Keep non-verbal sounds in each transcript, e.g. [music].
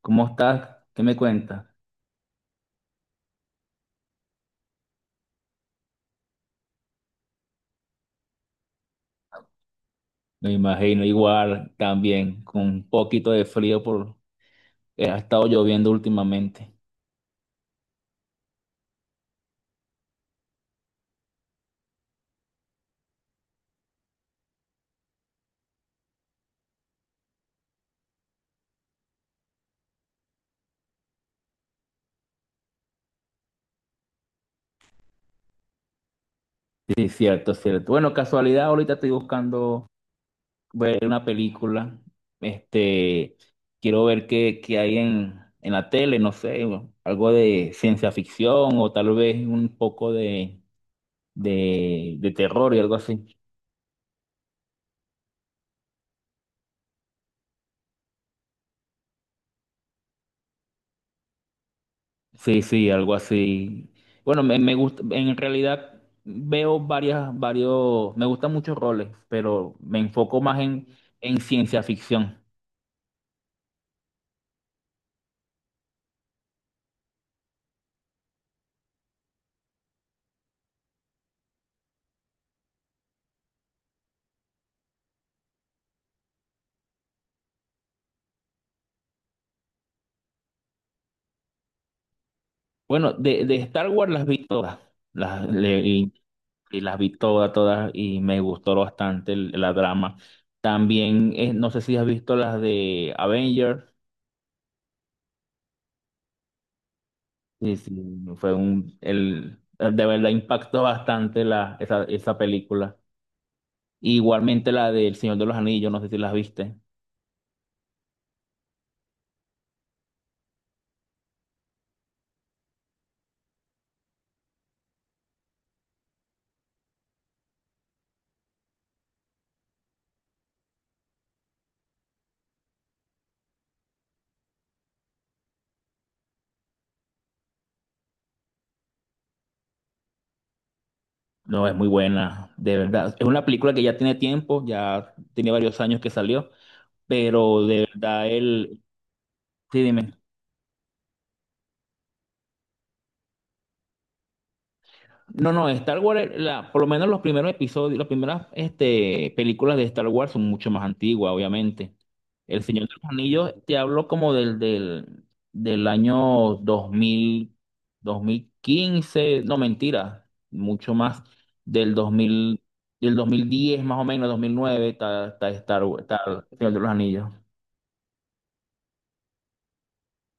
¿Cómo estás? ¿Qué me cuentas? Me imagino igual también, con un poquito de frío por ha estado lloviendo últimamente. Sí, cierto, cierto. Bueno, casualidad, ahorita estoy buscando ver una película. Este, quiero ver qué, qué hay en la tele, no sé, algo de ciencia ficción o tal vez un poco de terror y algo así. Sí, sí, algo así. Bueno, me gusta, en realidad veo varias, varios, me gustan muchos roles, pero me enfoco más en ciencia ficción. Bueno, de Star Wars las vi todas, las, le- y, y las vi todas, todas, y me gustó bastante la drama. También, no sé si has visto las de Avengers, sí, sí, fue de verdad impactó bastante esa película. Igualmente la del Señor de los Anillos, no sé si las viste. No, es muy buena, de verdad. Es una película que ya tiene tiempo, ya tiene varios años que salió, pero de verdad él... Sí, dime. No, no, Star Wars, la, por lo menos los primeros episodios, las primeras películas de Star Wars son mucho más antiguas, obviamente. El Señor de los Anillos, te hablo como del, del año 2000, 2015, no mentira, mucho más del 2000, del 2010 más o menos, 2009, está, está Star Wars, está El Señor de los Anillos.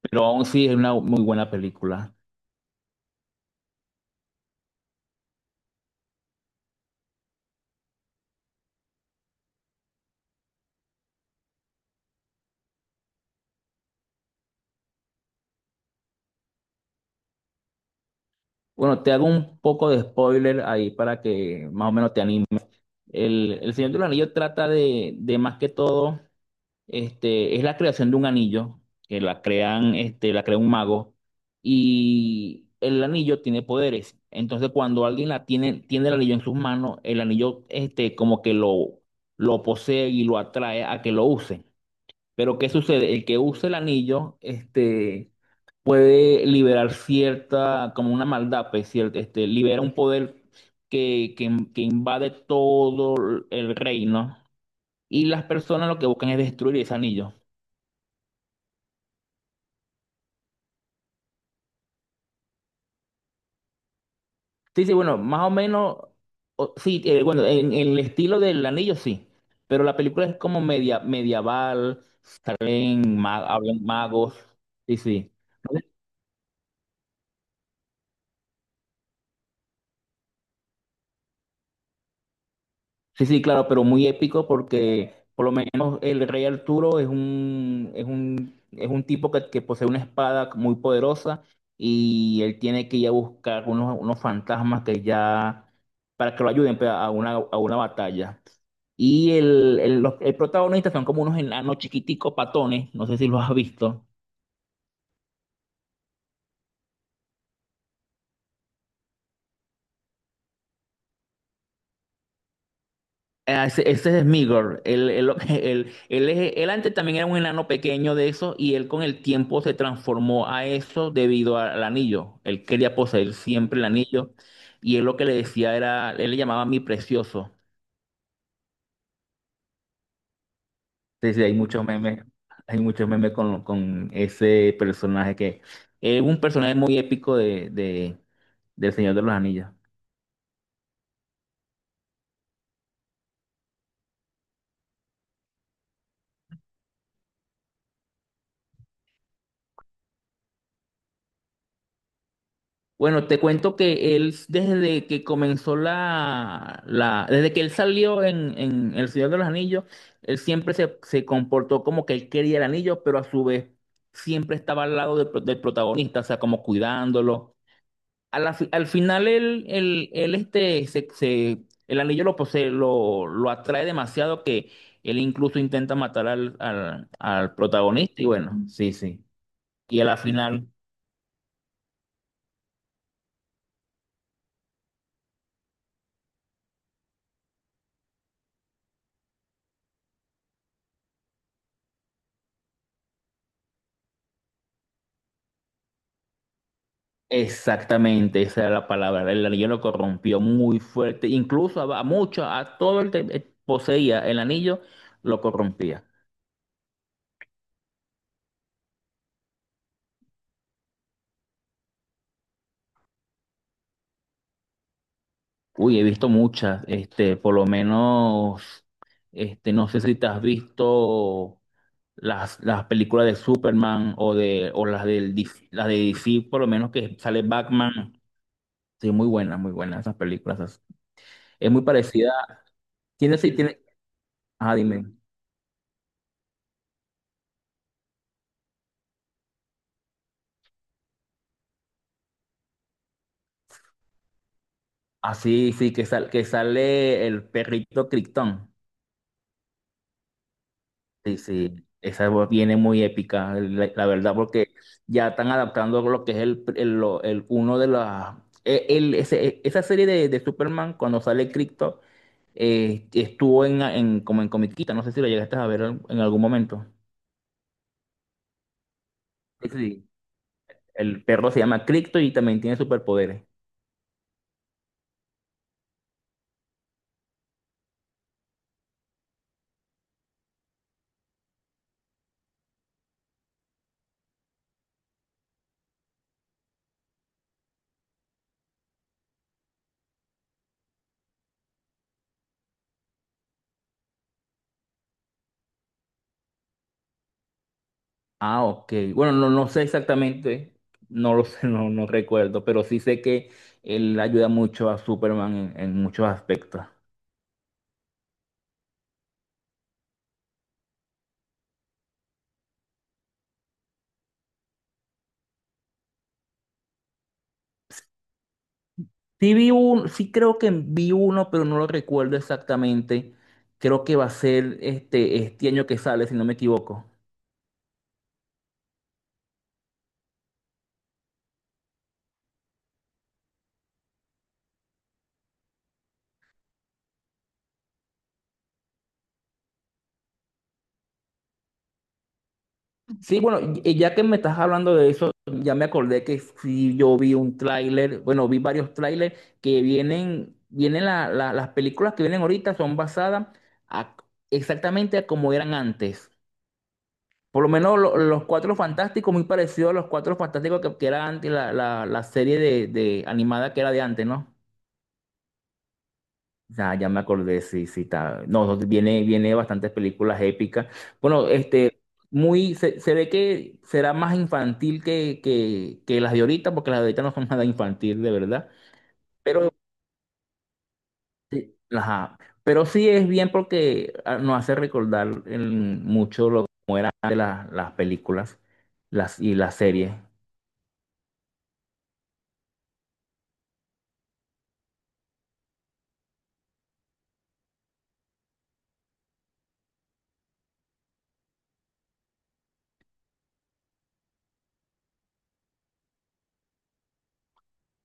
Pero aún sí es una muy buena película. Bueno, te hago un poco de spoiler ahí para que más o menos te... El Señor del Anillo trata de más que todo, este, es la creación de un anillo, que la crean, este, la crea un mago, y el anillo tiene poderes. Entonces, cuando alguien la tiene, tiene el anillo en sus manos, el anillo, este, como lo posee y lo atrae a que lo use. Pero ¿qué sucede? El que use el anillo, este, puede liberar cierta, como una maldad, pues, este, libera un poder que invade todo el reino y las personas lo que buscan es destruir ese anillo. Sí, sí, bueno, más o menos, o- sí, bueno, en el estilo del anillo sí, pero la película es como media, medieval, salen hablan magos, sí, sí. Sí, sí, claro, pero muy épico porque por lo menos el rey Arturo es un tipo que posee una espada muy poderosa y él tiene que ir a buscar unos fantasmas que ya, para que lo ayuden pues, a una batalla. Y el protagonista son como unos enanos chiquiticos patones, no sé si los has visto. Ah, ese es Smigol. [laughs] Él antes también era un enano pequeño de eso y él con el tiempo se transformó a eso debido al anillo. Él quería poseer siempre el anillo y él lo que le decía era, él le llamaba mi precioso. Entonces, hay muchos memes con ese personaje que es un personaje muy épico del Señor de los Anillos. Bueno, te cuento que él, desde que comenzó desde que él salió en El Señor de los Anillos, él siempre se comportó como que él quería el anillo, pero a su vez siempre estaba al lado del protagonista, o sea, como cuidándolo. A la al final él, este, el anillo lo posee, lo atrae demasiado que él incluso intenta matar al protagonista y bueno, sí, sí. Y a la final... Exactamente, esa era la palabra. El anillo lo corrompió muy fuerte. Incluso a mucho, a todo el que poseía el anillo, lo corrompía. Uy, he visto muchas, este, por lo menos, este, no sé si te has visto las películas de Superman o de, o las del DC, las de DC, por lo menos que sale Batman. Sí, muy buenas esas películas. Es muy parecida. Tiene, sí, tiene. Ah, dime. Ah, sí, sí, que sale el perrito Krypton. Sí, sí, esa voz viene muy épica, la verdad, porque ya están adaptando lo que es uno de las... esa serie de Superman, cuando sale Krypto, estuvo como en comiquita, no sé si lo llegaste a ver en algún momento. Sí, sí, el perro se llama Krypto y también tiene superpoderes. Ah, ok. Bueno, no, no sé exactamente, no lo sé, [laughs] no, no recuerdo, pero sí sé que él ayuda mucho a Superman en muchos aspectos. Sí sí creo que vi uno, pero no lo recuerdo exactamente. Creo que va a ser este año que sale, si no me equivoco. Sí, bueno, y- ya que me estás hablando de eso, ya me acordé que sí yo vi un tráiler, bueno, vi varios tráilers que vienen, vienen las películas que vienen ahorita son basadas a- exactamente a como eran antes. Por lo menos los Cuatro Fantásticos, muy parecido a los Cuatro Fantásticos que era antes la serie de animada que era de antes, ¿no? Ya, ya me acordé, sí, sí, está. No, no, viene, viene bastantes películas épicas. Bueno, este, muy, se ve que será más infantil que las de ahorita, porque las de ahorita no son [laughs] nada infantil, de verdad. Pero, ajá, pero sí es bien porque ah, nos hace recordar en mucho lo como eran antes las películas y las series.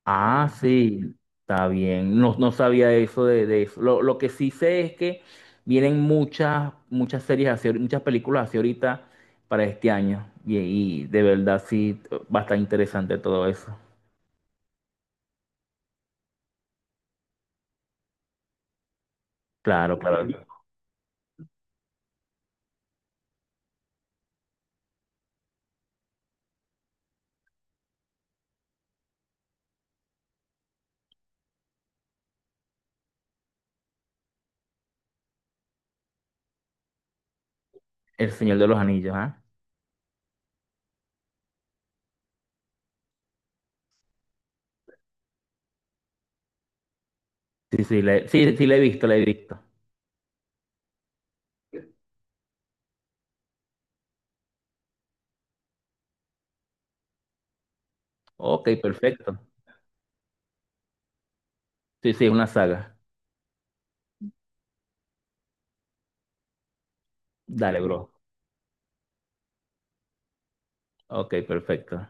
Ah, sí, está bien. No, no sabía eso de eso. Lo que sí sé es que vienen muchas, muchas series así, muchas películas así ahorita para este año. Y de verdad sí va a estar interesante todo eso. Claro, claro. El Señor de los Anillos, ¿ah? Sí, sí, sí, sí, la he visto, la he visto. Ok, perfecto. Sí, sí, es una saga. Dale, bro. Ok, perfecto.